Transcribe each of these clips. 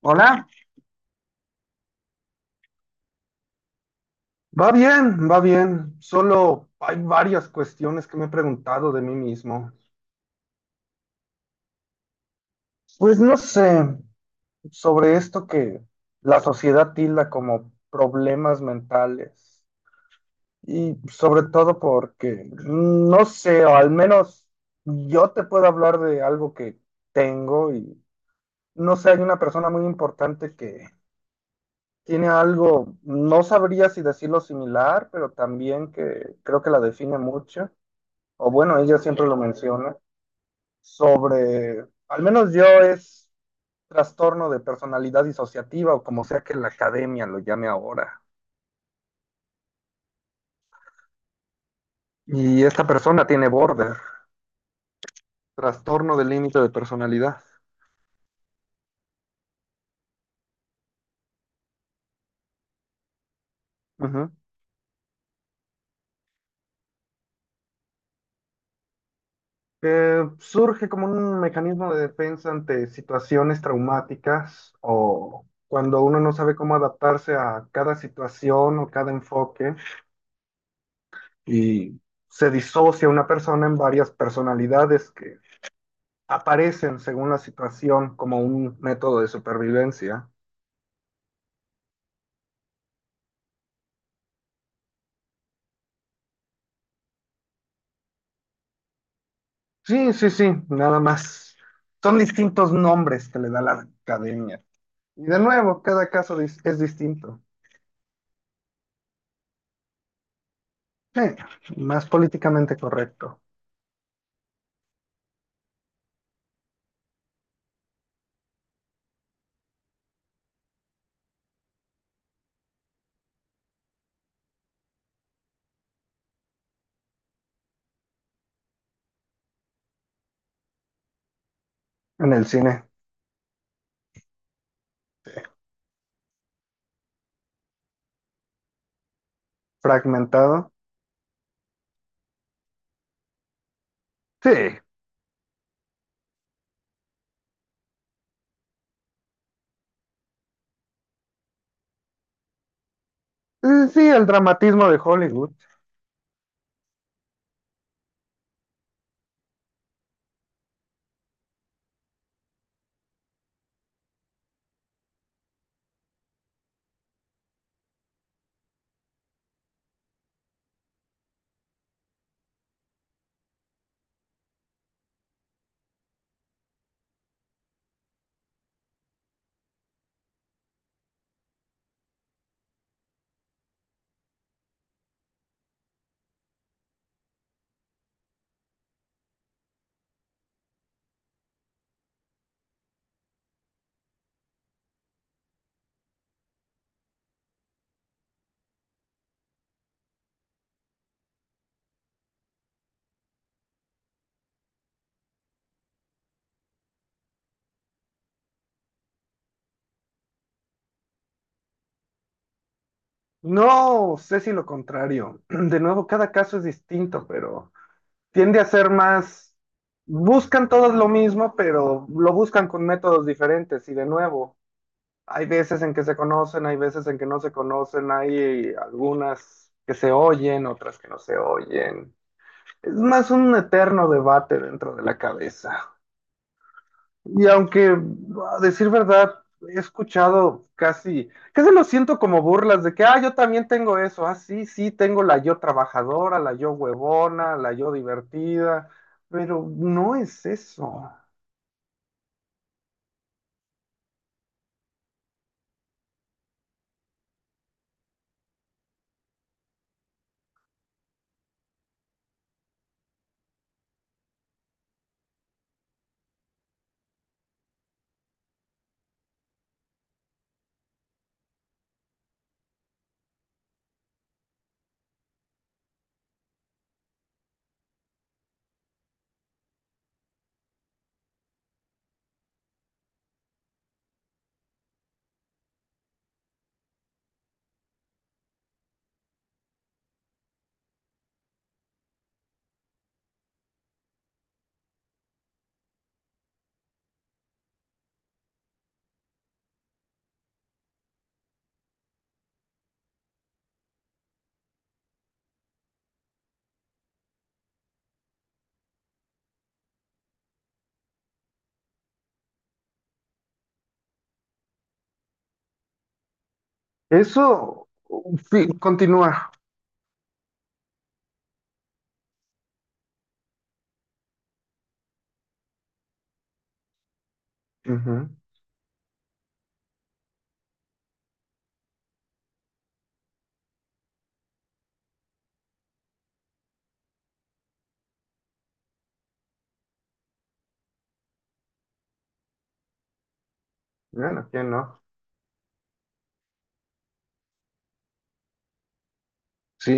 Hola, va bien, va bien. Solo hay varias cuestiones que me he preguntado de mí mismo. Pues no sé, sobre esto que la sociedad tilda como problemas mentales. Y sobre todo porque, no sé, o al menos yo te puedo hablar de algo que tengo y no sé, hay una persona muy importante que tiene algo, no sabría si decirlo similar, pero también que creo que la define mucho. O bueno, ella siempre lo menciona, sobre, al menos yo es trastorno de personalidad disociativa o como sea que la academia lo llame ahora. Y esta persona tiene border, trastorno de límite de personalidad. Ujú. Que surge como un mecanismo de defensa ante situaciones traumáticas o cuando uno no sabe cómo adaptarse a cada situación o cada enfoque y se disocia una persona en varias personalidades que aparecen según la situación como un método de supervivencia. Sí, sí, sí, nada más. Son distintos nombres que le da la academia. Y de nuevo, cada caso es distinto. Sí, más políticamente correcto. En el cine fragmentado. Sí, sí, el dramatismo de Hollywood. No sé si lo contrario. De nuevo, cada caso es distinto, pero tiende a ser más, buscan todos lo mismo, pero lo buscan con métodos diferentes y de nuevo, hay veces en que se conocen, hay veces en que no se conocen, hay algunas que se oyen, otras que no se oyen. Es más un eterno debate dentro de la cabeza. Y aunque, a decir verdad, he escuchado casi, casi lo siento como burlas de que, ah, yo también tengo eso, ah, sí, sí, tengo la yo trabajadora, la yo huevona, la yo divertida, pero no es eso. Eso, sí, continúa. Ujú. Bueno, ¿quién no? Sí,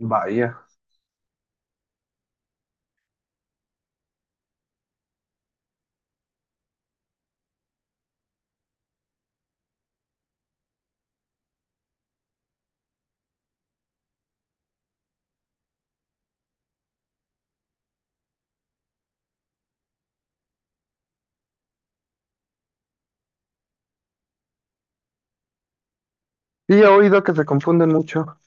vaya. Sí, he oído que se confunden mucho.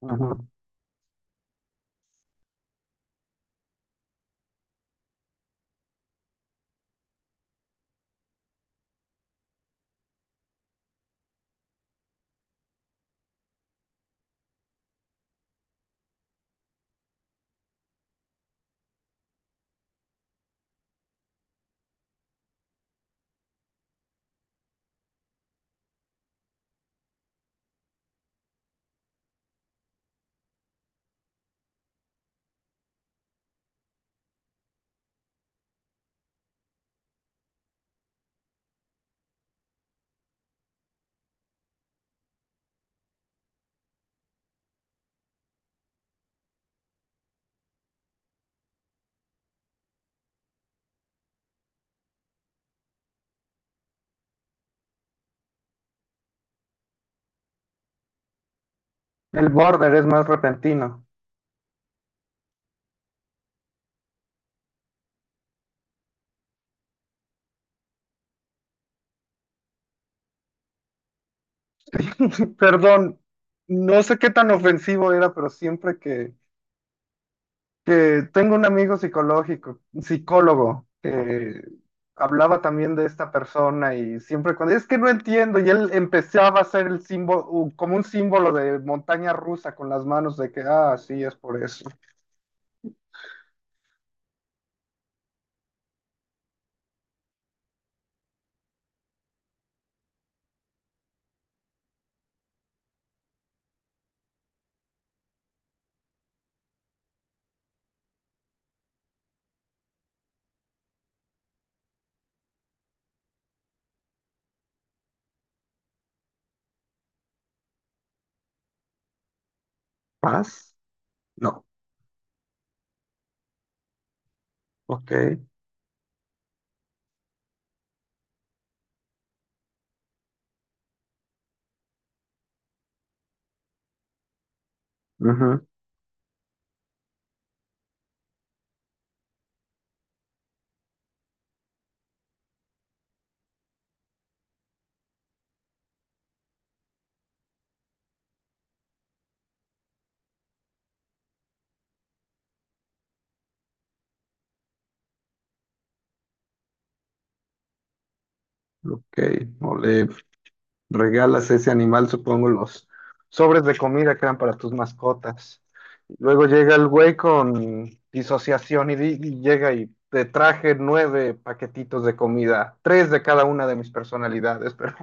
Ujú. El border es más repentino. Perdón, no sé qué tan ofensivo era, pero siempre que tengo un amigo psicológico, psicólogo, que hablaba también de esta persona y siempre cuando, es que no entiendo, y él empezaba a hacer el símbolo, como un símbolo de montaña rusa con las manos de que, ah, sí, es por eso. ¿Paz? No. Ok. Ujú. Ok. Ole. Regalas a ese animal, supongo, los sobres de comida que eran para tus mascotas. Luego llega el güey con disociación y, y llega y te traje nueve paquetitos de comida, tres de cada una de mis personalidades, pero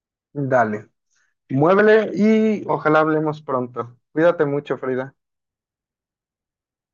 dale, muévele y ojalá hablemos pronto. Cuídate mucho, Frida.